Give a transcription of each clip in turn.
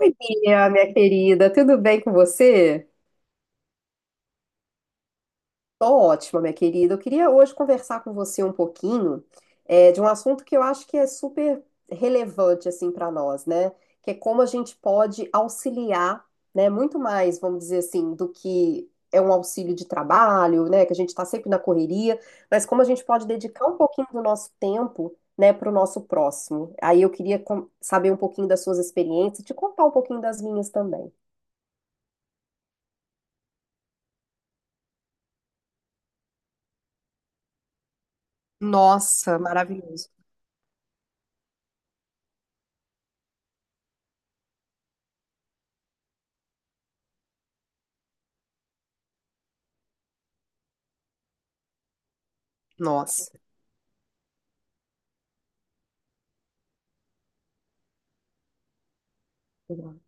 Oi, Bia, minha querida, tudo bem com você? Tô ótima, minha querida. Eu queria hoje conversar com você um pouquinho de um assunto que eu acho que é super relevante assim para nós, né? Que é como a gente pode auxiliar, né? Muito mais, vamos dizer assim, do que é um auxílio de trabalho, né? Que a gente está sempre na correria, mas como a gente pode dedicar um pouquinho do nosso tempo, né, para o nosso próximo. Aí eu queria saber um pouquinho das suas experiências, te contar um pouquinho das minhas também. Nossa, maravilhoso. Nossa, que legal.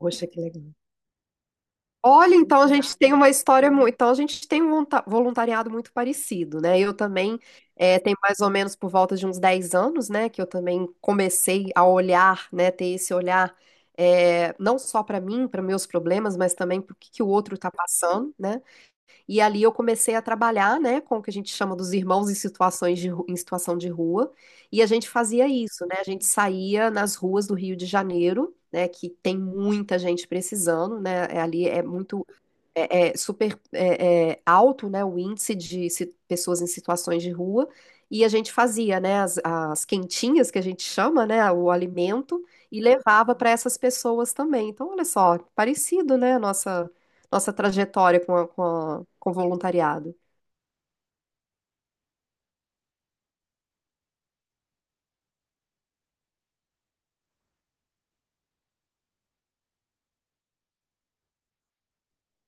Poxa, que legal. Olha, então a gente tem uma história muito. Então a gente tem um voluntariado muito parecido, né? Eu também tem mais ou menos por volta de uns 10 anos, né? Que eu também comecei a olhar, né? Ter esse olhar não só para mim, para meus problemas, mas também para o que que o outro está passando, né? E ali eu comecei a trabalhar, né, com o que a gente chama dos irmãos em situação de rua. E a gente fazia isso, né? A gente saía nas ruas do Rio de Janeiro, né, que tem muita gente precisando, né? Ali é muito é, é super é, é alto, né, o índice de pessoas em situações de rua, e a gente fazia, né, as quentinhas que a gente chama, né, o alimento, e levava para essas pessoas também. Então, olha só, parecido, né, a nossa trajetória com o voluntariado.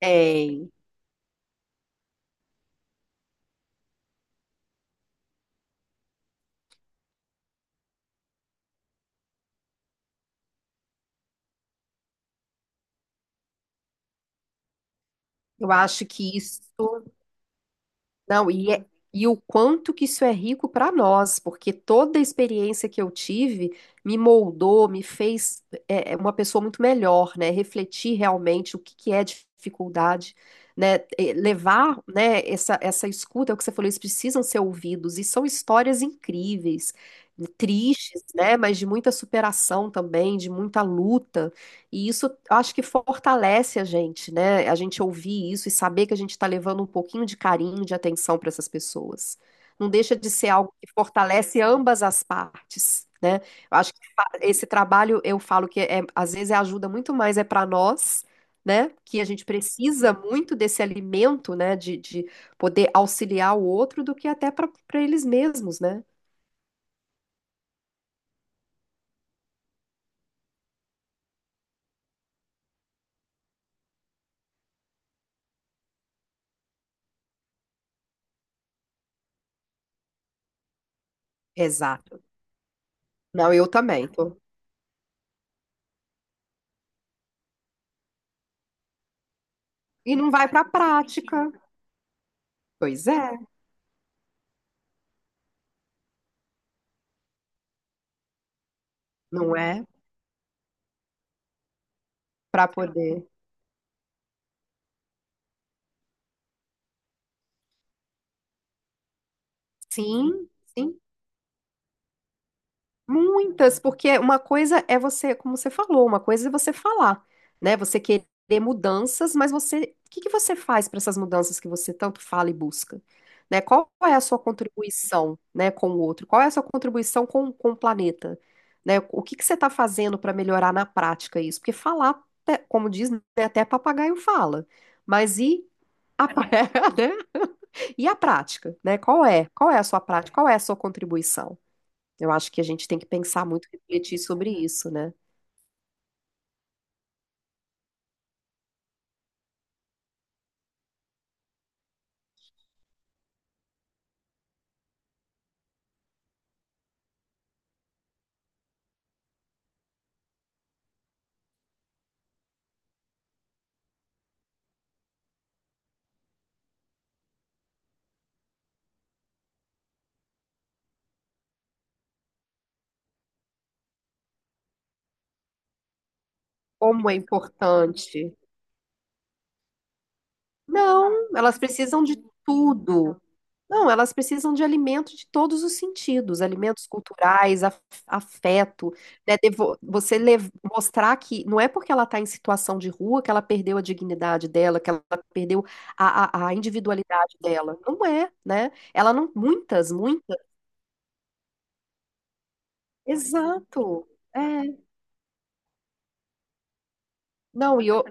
Tem. Eu acho que isso. Não, e o quanto que isso é rico para nós, porque toda a experiência que eu tive me moldou, me fez uma pessoa muito melhor, né? Refletir realmente o que, que é dificuldade, né? E levar, né, essa escuta, é o que você falou, eles precisam ser ouvidos, e são histórias incríveis, tristes, né? Mas de muita superação também, de muita luta. E isso acho que fortalece a gente, né? A gente ouvir isso e saber que a gente está levando um pouquinho de carinho, de atenção para essas pessoas. Não deixa de ser algo que fortalece ambas as partes, né? Eu acho que esse trabalho, eu falo que às vezes ajuda muito mais para nós, né? Que a gente precisa muito desse alimento, né? De poder auxiliar o outro do que até para eles mesmos, né? Exato. Não, eu também tô. E não vai para a prática. Pois é, não é? Para poder. Sim, sim, muitas, porque uma coisa é você, como você falou, uma coisa é você falar, né? Você querer mudanças, mas você, o que que você faz para essas mudanças que você tanto fala e busca? Né? Qual é a sua contribuição, né, com o outro? Qual é a sua contribuição com o planeta? Né? O que que você está fazendo para melhorar na prática isso? Porque falar, né, como diz, né, até papagaio fala, mas e a, né? E a prática, né? Qual é? Qual é a sua prática? Qual é a sua contribuição? Eu acho que a gente tem que pensar muito, refletir sobre isso, né? Como é importante. Não, elas precisam de tudo. Não, elas precisam de alimento de todos os sentidos, alimentos culturais, afeto, né? Mostrar que não é porque ela está em situação de rua que ela perdeu a dignidade dela, que ela perdeu a individualidade dela. Não é, né? Ela não, muitas, muitas. Exato. É. Não, e eu,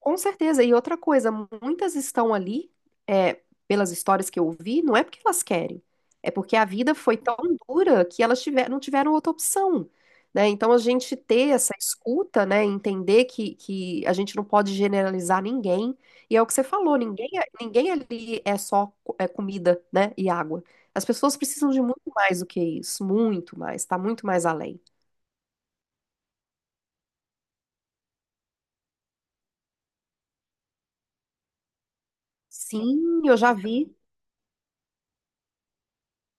com certeza. E outra coisa, muitas estão ali, é, pelas histórias que eu ouvi, não é porque elas querem, é porque a vida foi tão dura que não tiveram outra opção, né? Então a gente ter essa escuta, né, entender que a gente não pode generalizar ninguém. E é o que você falou, ninguém ali é só comida, né, e água. As pessoas precisam de muito mais do que isso, muito mais, tá muito mais além. Sim, eu já vi.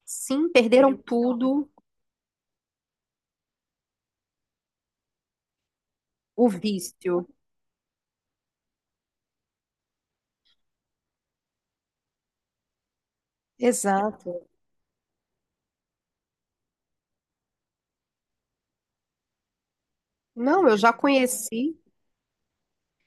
Sim, perderam tudo, o vício. Exato. Não, eu já conheci,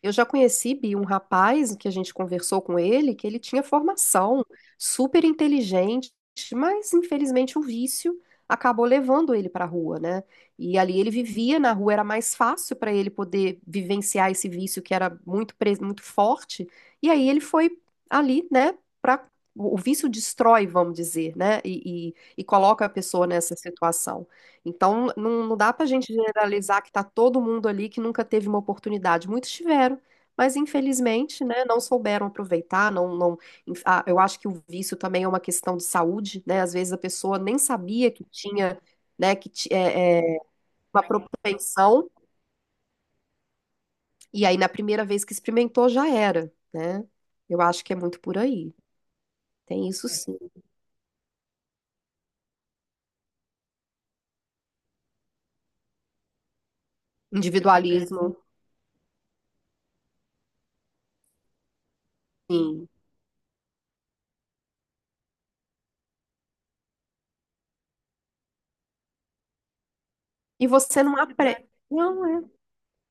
eu já conheci, Bi, um rapaz que a gente conversou com ele, que ele tinha formação, super inteligente, mas infelizmente o vício acabou levando ele para a rua, né? E ali ele vivia na rua, era mais fácil para ele poder vivenciar esse vício que era muito forte. E aí ele foi ali, né, para o vício destrói, vamos dizer, né? E coloca a pessoa nessa situação. Então, não, não dá para a gente generalizar que está todo mundo ali que nunca teve uma oportunidade. Muitos tiveram, mas infelizmente, né, não souberam aproveitar. Não, não, eu acho que o vício também é uma questão de saúde, né? Às vezes a pessoa nem sabia que tinha, né, que ti- é, é, uma propensão, e aí na primeira vez que experimentou já era, né? Eu acho que é muito por aí. Tem isso sim. Individualismo, sim. E você não aprende.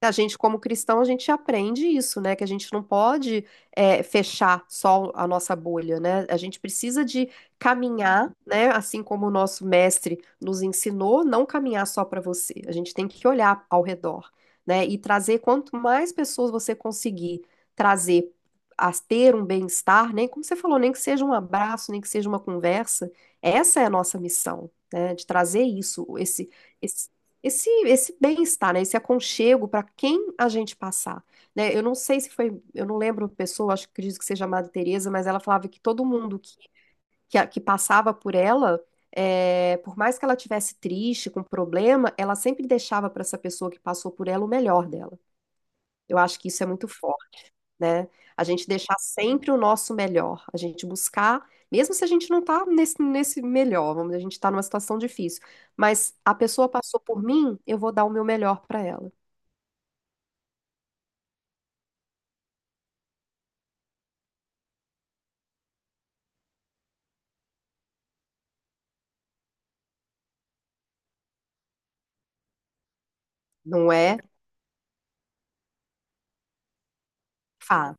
A gente, como cristão, a gente aprende isso, né? Que a gente não pode fechar só a nossa bolha, né? A gente precisa de caminhar, né? Assim como o nosso mestre nos ensinou, não caminhar só para você. A gente tem que olhar ao redor, né? E trazer quanto mais pessoas você conseguir trazer a ter um bem-estar, nem como você falou, nem que seja um abraço, nem que seja uma conversa. Essa é a nossa missão, né? De trazer isso, esse esse bem-estar, né? Esse aconchego para quem a gente passar, né? Eu não sei se foi, eu não lembro a pessoa, acho que acredito que seja a Madre Teresa, mas ela falava que todo mundo que passava por ela, por mais que ela tivesse triste, com problema, ela sempre deixava para essa pessoa que passou por ela o melhor dela. Eu acho que isso é muito forte, né? A gente deixar sempre o nosso melhor, a gente buscar, mesmo se a gente não tá nesse melhor, vamos, dizer, a gente tá numa situação difícil, mas a pessoa passou por mim, eu vou dar o meu melhor para ela. Não é? Faça.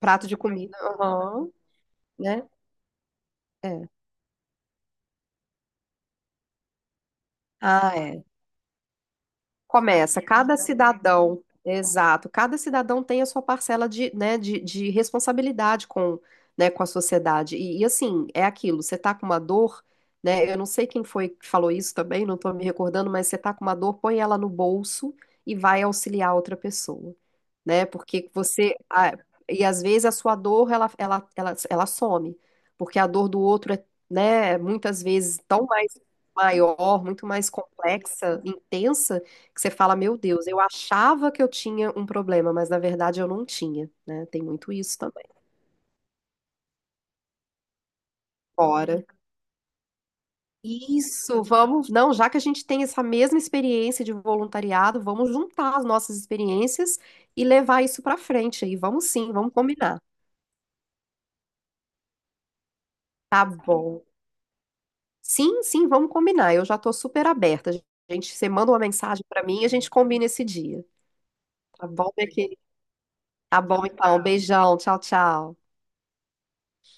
Prato de comida, aham, né? É. Ah, é. Começa, cada cidadão, exato, cada cidadão tem a sua parcela de, né, de responsabilidade com, né, com a sociedade. E, assim, é aquilo, você tá com uma dor, né? Eu não sei quem foi que falou isso também, não tô me recordando, mas você tá com uma dor, põe ela no bolso e vai auxiliar outra pessoa, né? Porque você e às vezes a sua dor ela some, porque a dor do outro é, né, muitas vezes tão mais maior, muito mais complexa, intensa, que você fala, meu Deus, eu achava que eu tinha um problema, mas na verdade eu não tinha, né? Tem muito isso também. Bora. Isso, vamos. Não, já que a gente tem essa mesma experiência de voluntariado, vamos juntar as nossas experiências e levar isso para frente aí. Vamos sim, vamos combinar. Tá bom. Sim, sim, vamos combinar. Eu já estou super aberta. Gente, você manda uma mensagem para mim e a gente combina esse dia. Tá bom, minha querida? Tá bom, então. Beijão. Tchau, tchau.